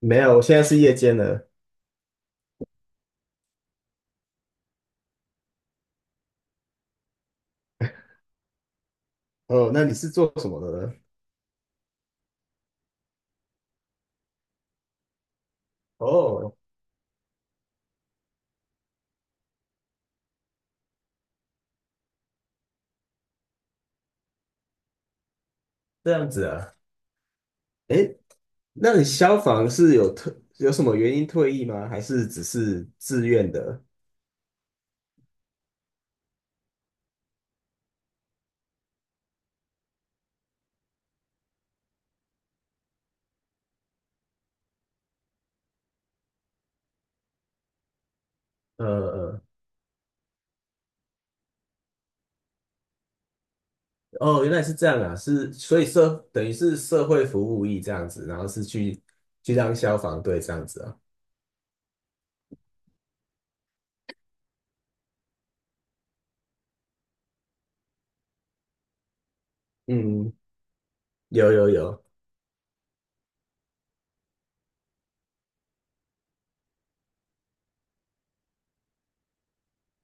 没有，我现在是夜间的。哦，那你是做什么的呢？哦，这样子啊。诶，那你消防是有什么原因退役吗？还是只是自愿的？呃呃，哦，原来是这样啊，是，所以等于是社会服务役这样子，然后是去当消防队这样子啊。嗯，有有有，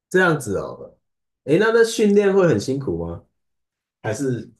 这样子哦。诶，那训练会很辛苦吗？还是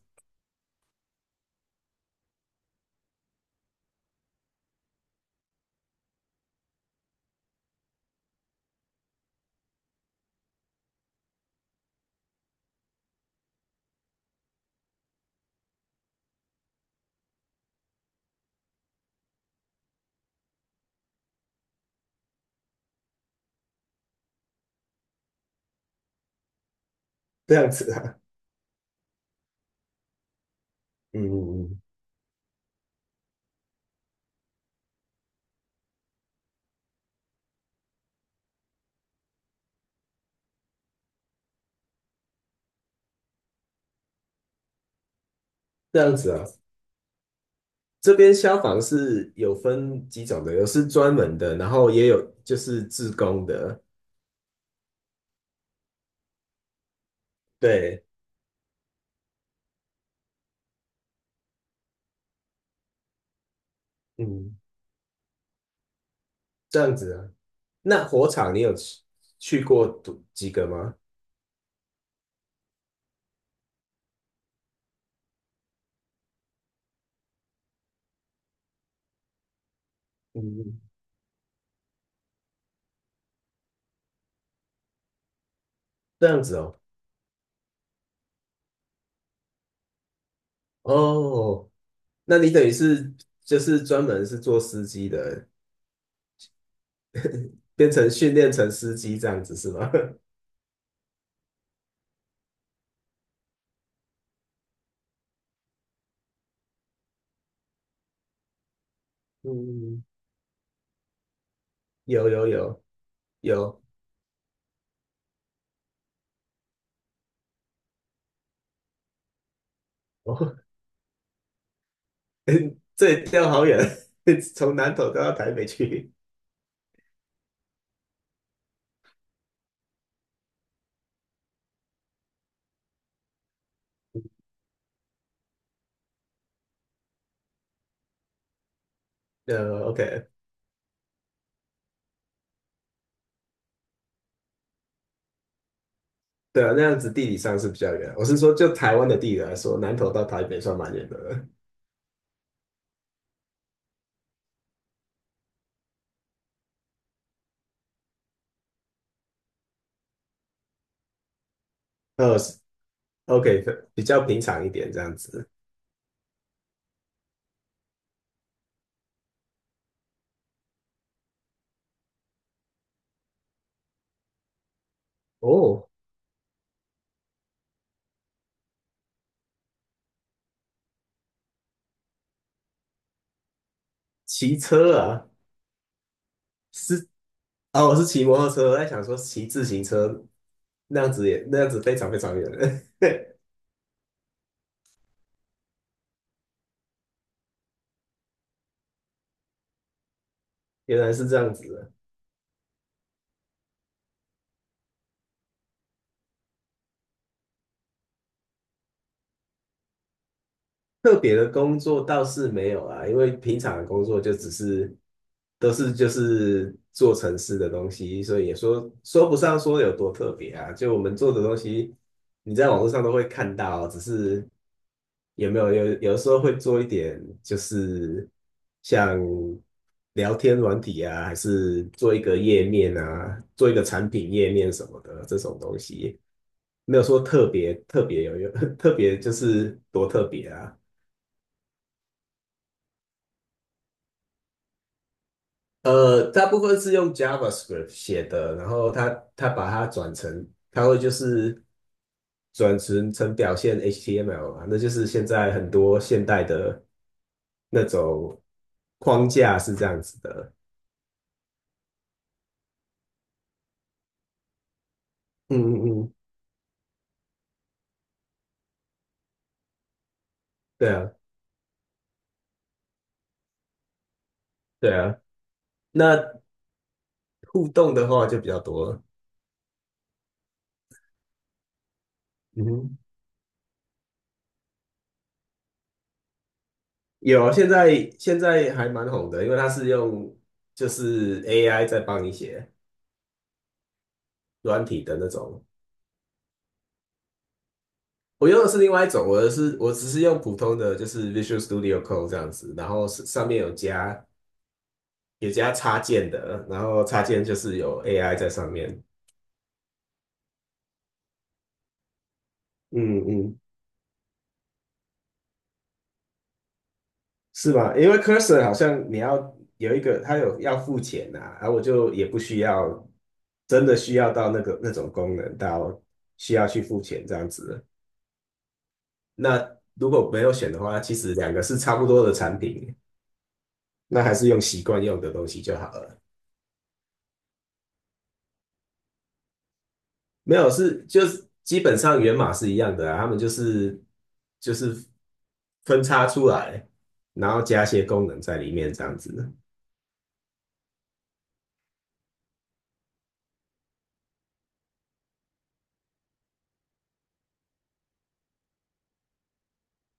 这样子啊？嗯嗯嗯，这样子啊。这边消防是有分几种的，有是专门的，然后也有就是自工的。对，嗯，这样子啊。那火场你有去过多几个吗？嗯，嗯，这样子哦。哦，那你等于是就是专门是做司机的，变成训练成司机这样子是吗？嗯，有有有有哦，这里掉好远，从南投掉到台北去。OK，对啊，那样子地理上是比较远。我是说，就台湾的地理来说，南投到台北算蛮远的了。呃 o k， 比较平常一点这样子。哦，骑车啊，是哦，我是骑摩托车，我在想说骑自行车那样子，也那样子非常非常远了。原来是这样子。特别的工作倒是没有啊，因为平常的工作就只是就是做程式的东西，所以也说不上说有多特别啊。就我们做的东西，你在网络上都会看到，只是有没有有的时候会做一点，就是像聊天软体啊，还是做一个页面啊，做一个产品页面什么的这种东西，没有说特别特别有用，特别就是多特别啊。大部分是用 JavaScript 写的，然后它把它转成，它会就是转成表现 HTML 嘛，那就是现在很多现代的那种框架是这样子的。嗯嗯嗯，对啊对啊。那互动的话就比较多了。嗯哼，有啊，现在还蛮红的，因为它是用就是 AI 在帮你写软体的那种。我用的是另外一种，我的是我只是用普通的，就是 Visual Studio Code 这样子，然后是上面有加插件的，然后插件就是有 AI 在上面。嗯嗯，是吧？因为 Cursor 好像你要有一个，它有要付钱呐、啊，然后我就也不需要真的需要到那个那种功能，到需要去付钱这样子。那如果没有选的话，其实两个是差不多的产品，那还是用习惯用的东西就好了。没有，是就是基本上源码是一样的啊，他们就是分叉出来，然后加些功能在里面这样子。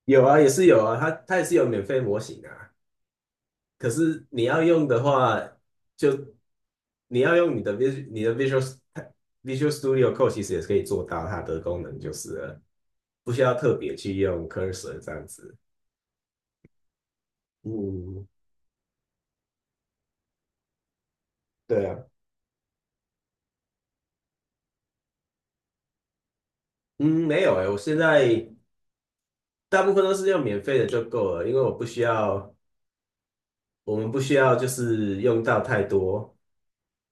有啊，也是有啊，它也是有免费模型啊。可是你要用的话，就用你的 Vis u a l 你的 Visual Visual Studio Code 其实也是可以做到它的功能就是了，不需要特别去用 Cursor 这样子。嗯，对啊，嗯，没有诶，我现在。大部分都是用免费的就够了，因为我不需要，我们不需要就是用到太多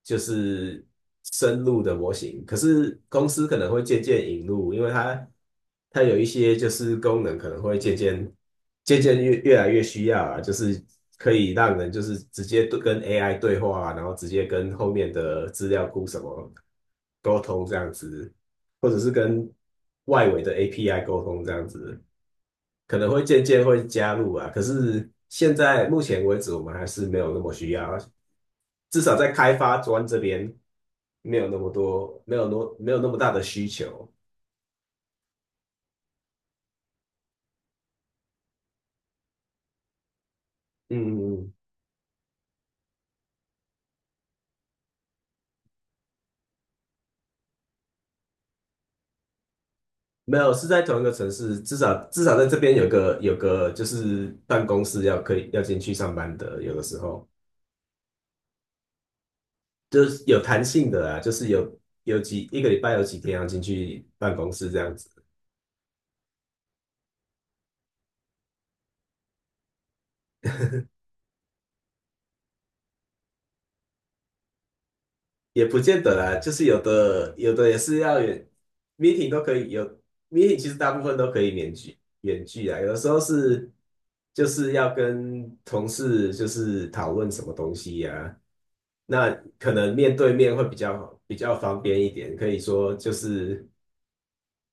就是深入的模型。可是公司可能会渐渐引入，因为它有一些就是功能可能会渐渐越来越需要啊，就是可以让人就是直接对跟 AI 对话啊然后直接跟后面的资料库什么沟通这样子，或者是跟外围的 API 沟通这样子。可能会渐渐会加入啊。可是现在目前为止，我们还是没有那么需要，至少在开发端这边没有那么多，没有没有那么大的需求。嗯嗯嗯，没有，是在同一个城市，至少在这边有个就是办公室要可以要进去上班的，有的时候就是有弹性的啊，就是有一个礼拜有几天要进去办公室这样子。也不见得啦，就是有的也是要远 meeting 都可以有 meeting,其实大部分都可以远距啊，有的时候是就是要跟同事就是讨论什么东西呀、那可能面对面会比较方便一点，可以说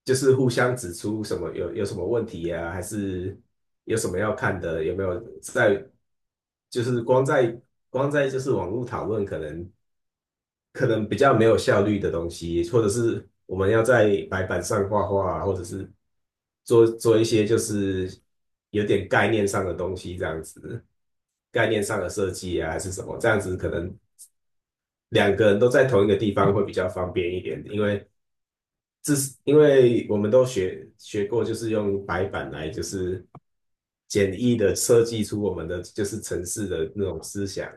就是互相指出什么有什么问题呀、还是有什么要看的，有没有在就是光在就是网络讨论可能。可能比较没有效率的东西，或者是我们要在白板上画画啊，或者是做一些就是有点概念上的东西，这样子，概念上的设计啊，还是什么，这样子可能两个人都在同一个地方会比较方便一点，因为这是因为我们都学过，就是用白板来就是简易的设计出我们的就是城市的那种思想，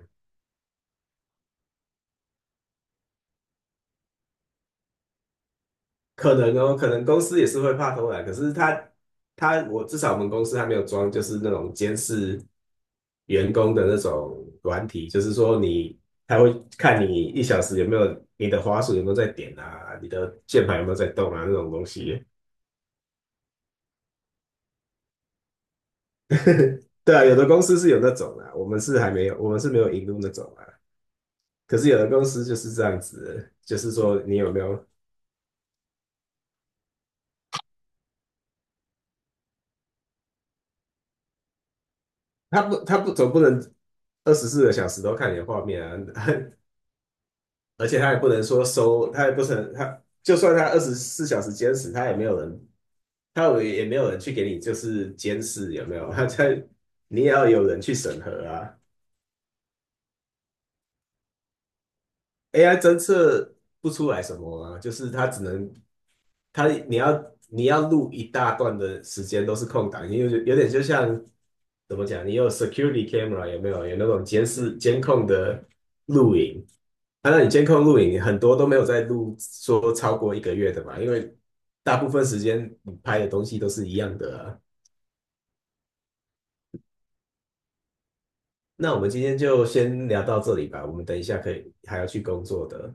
可能哦，可能公司也是会怕偷懒，可是他我至少我们公司还没有装，就是那种监视员工的那种软体，就是说他会看你一小时有没有你的滑鼠有没有在点啊，你的键盘有没有在动啊那种东西。对啊，有的公司是有那种啊，我们是还没有，我们是没有引入那种啊。可是有的公司就是这样子的就是说你有没有，他不总不能24个小时都看你的画面啊，而且他也不能说收，他也不能，他就算他24小时监视，他也没有人，也也没有人去给你就是监视有没有？他在你也要有人去审核啊。AI 侦测不出来什么啊，就是他只能你要录一大段的时间都是空档，因为有点就像怎么讲，你有 security camera 有没有？有那种监视监控的录影，啊，那你监控录影很多都没有在录说超过一个月的嘛，因为大部分时间你拍的东西都是一样的啊。那我们今天就先聊到这里吧，我们等一下可以还要去工作的。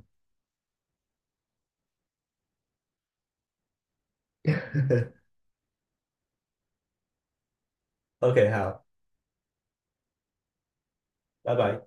OK,好，拜拜。